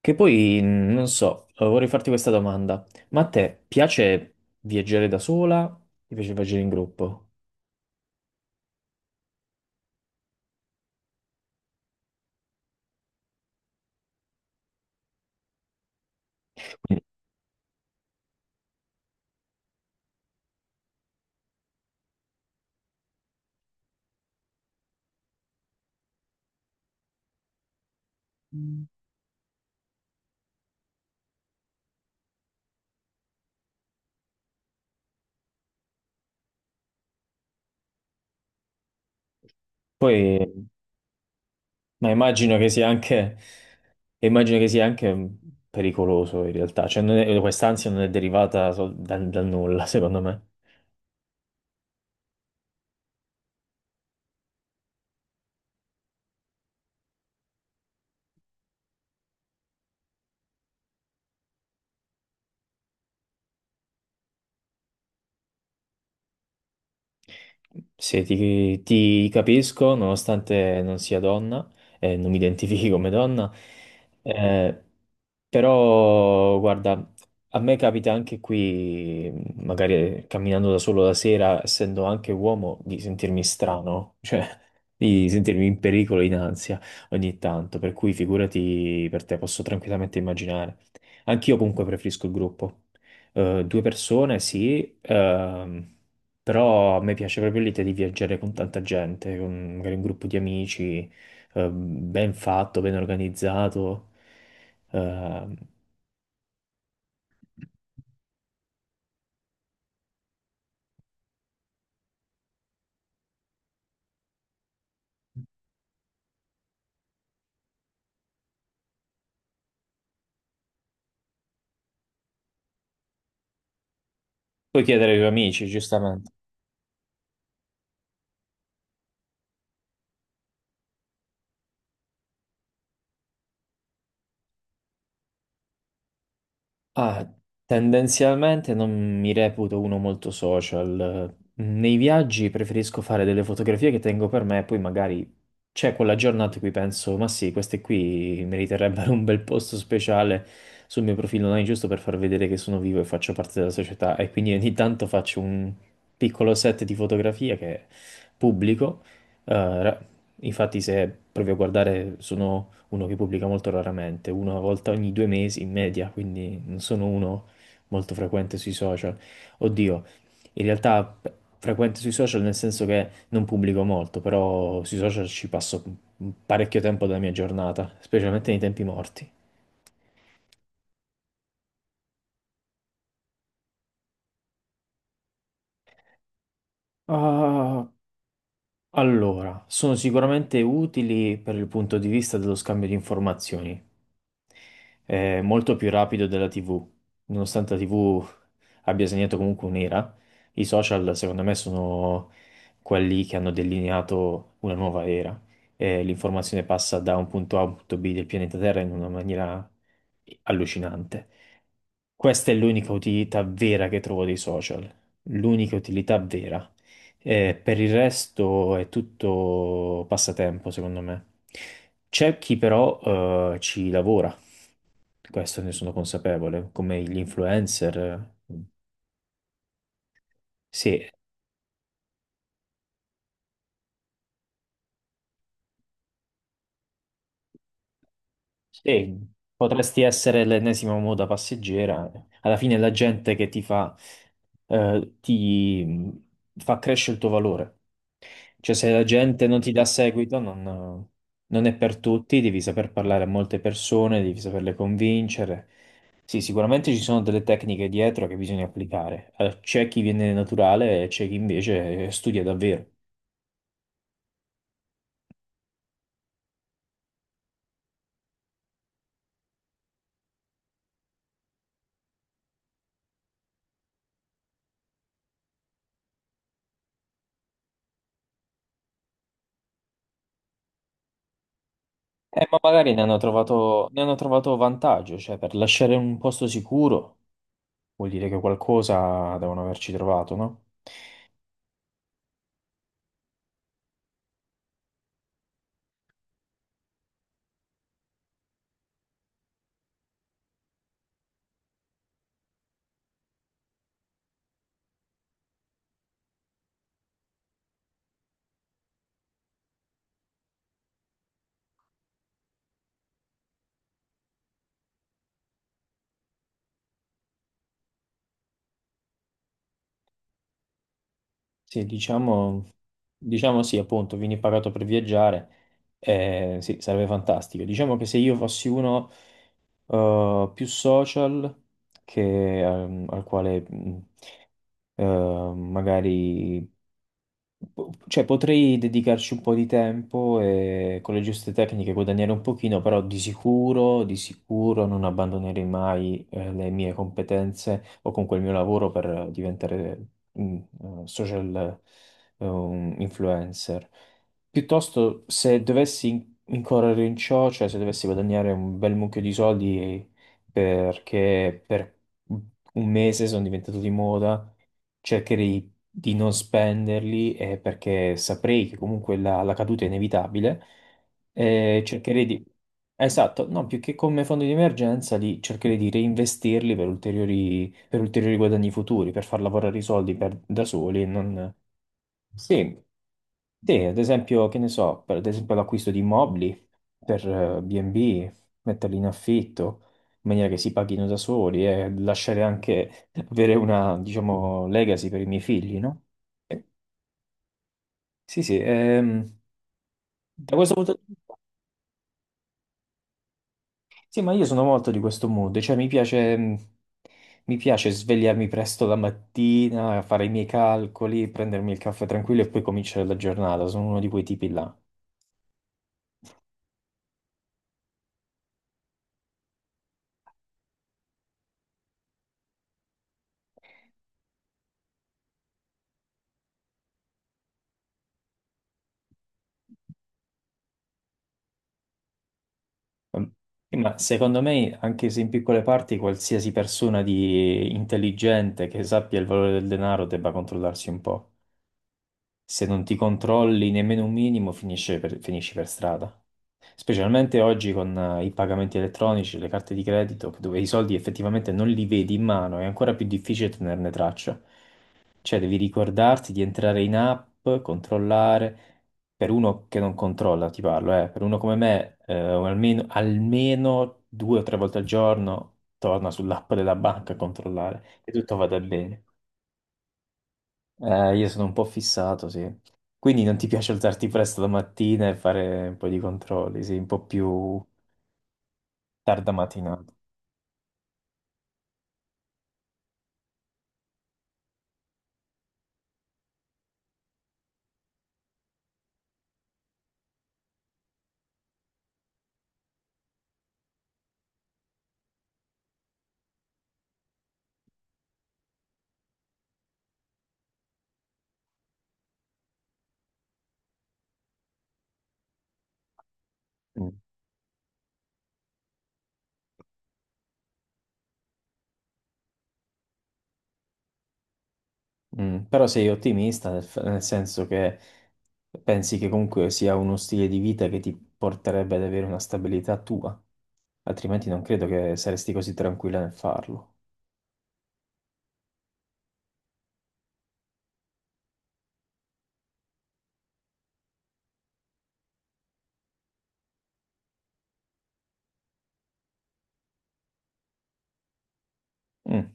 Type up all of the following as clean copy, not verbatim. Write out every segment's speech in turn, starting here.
Che poi, non so, vorrei farti questa domanda. Ma a te piace viaggiare da sola? Ti piace viaggiare in gruppo? Poi, ma immagino che sia anche, immagino che sia anche pericoloso in realtà. Cioè, non è- quest'ansia non è derivata dal nulla, secondo me. Se ti, ti capisco, nonostante non sia donna, e non mi identifichi come donna, eh, però, guarda, a me capita anche qui, magari camminando da solo la sera, essendo anche uomo, di sentirmi strano, cioè di sentirmi in pericolo, in ansia ogni tanto. Per cui, figurati, per te posso tranquillamente immaginare. Anch'io comunque preferisco il gruppo. Due persone, sì, però a me piace proprio l'idea di viaggiare con tanta gente, con magari un gruppo di amici, ben fatto, ben organizzato. Eh, Puoi chiedere ai tuoi amici, giustamente. Ah, Tendenzialmente non mi reputo uno molto social. Nei viaggi preferisco fare delle fotografie che tengo per me, poi magari c'è quella giornata in cui penso, ma sì, queste qui meriterebbero un bel posto speciale sul mio profilo online, giusto per far vedere che sono vivo e faccio parte della società. E quindi ogni tanto faccio un piccolo set di fotografie che pubblico. Eh, ra- Infatti, se proprio a guardare sono uno che pubblica molto raramente, uno una volta ogni due mesi in media, quindi non sono uno molto frequente sui social. Oddio, in realtà frequente sui social nel senso che non pubblico molto, però sui social ci passo parecchio tempo della mia giornata, specialmente nei tempi morti. Ah, Allora, sono sicuramente utili per il punto di vista dello scambio di informazioni. È molto più rapido della TV. Nonostante la TV abbia segnato comunque un'era, i social secondo me sono quelli che hanno delineato una nuova era. E l'informazione passa da un punto A a un punto B del pianeta Terra in una maniera allucinante. Questa è l'unica utilità vera che trovo dei social, l'unica utilità vera. Per il resto è tutto passatempo, secondo me. C'è chi però ci lavora, questo ne sono consapevole, come gli influencer. eh, Sì, sì, potresti essere l'ennesima moda passeggera. Alla fine è la gente che ti fa crescere il tuo valore. Cioè, se la gente non ti dà seguito, non è per tutti, devi saper parlare a molte persone, devi saperle convincere. Sì, sicuramente ci sono delle tecniche dietro che bisogna applicare. C'è chi viene naturale e c'è chi invece studia davvero. Ma magari ne hanno trovato vantaggio, cioè per lasciare un posto sicuro vuol dire che qualcosa devono averci trovato, no? Sì, diciamo sì, appunto, vieni pagato per viaggiare, sì, sarebbe fantastico. Diciamo che se io fossi uno più social che, al quale eh, magari cioè, potrei dedicarci un po' di tempo e con le giuste tecniche guadagnare un pochino, però di sicuro non abbandonerei mai le mie competenze o comunque il mio lavoro per diventare mm, social, un influencer. Piuttosto, se dovessi incorrere in ciò, cioè se dovessi guadagnare un bel mucchio di soldi perché per un mese sono diventato di moda, cercherei di non spenderli perché saprei che comunque la caduta è inevitabile. Cercherei di... Esatto, no, più che come fondo di emergenza, li cercherei di reinvestirli per ulteriori guadagni futuri, per far lavorare i soldi da soli. E non... Sì, sì, ad esempio, che ne so, per ad esempio l'acquisto di immobili per B&B, metterli in affitto, maniera che si paghino da soli e lasciare anche avere una, diciamo, legacy per i miei figli, no? Eh, sì, sì, da questo punto di vista, sì, ma io sono molto di questo mood, cioè mi piace svegliarmi presto la mattina, fare i miei calcoli, prendermi il caffè tranquillo e poi cominciare la giornata, sono uno di quei tipi là. Ehm, sì, ma secondo me, anche se in piccole parti, qualsiasi persona di intelligente che sappia il valore del denaro debba controllarsi un po'. Se non ti controlli nemmeno un minimo, finisci per strada. Specialmente oggi con i pagamenti elettronici, le carte di credito, dove i soldi effettivamente non li vedi in mano, è ancora più difficile tenerne traccia. Cioè, devi ricordarti di entrare in app, controllare. Per uno che non controlla, ti parlo, per uno come me, almeno, almeno due o tre volte al giorno torna sull'app della banca a controllare che tutto vada bene. Io sono un po' fissato, sì. Quindi non ti piace alzarti presto la mattina e fare un po' di controlli, sì, un po' più tarda mattinata. Mm. Mm. Però sei ottimista, nel senso che pensi che comunque sia uno stile di vita che ti porterebbe ad avere una stabilità tua, altrimenti non credo che saresti così tranquilla nel farlo. Mm.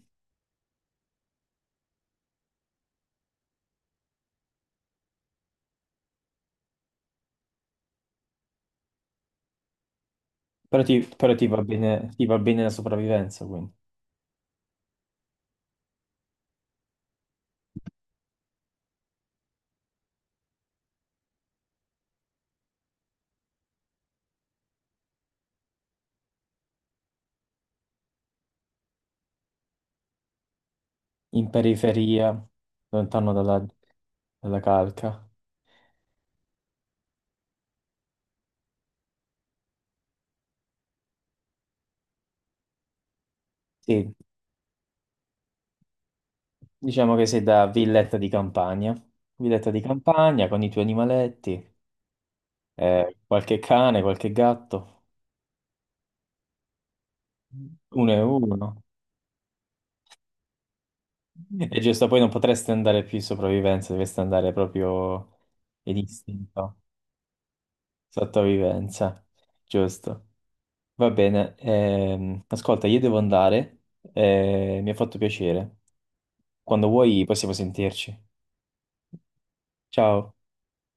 Però ti va bene la sopravvivenza, quindi. In periferia, lontano dalla, dalla calca. Sì, diciamo che sei da villetta di campagna con i tuoi animaletti, qualche cane, qualche gatto, uno e uno. E giusto, poi non potresti andare più in sopravvivenza, dovresti andare proprio in istinto, sottovivenza, giusto. Va bene, ascolta, io devo andare, mi ha fatto piacere. Quando vuoi possiamo sentirci. Ciao.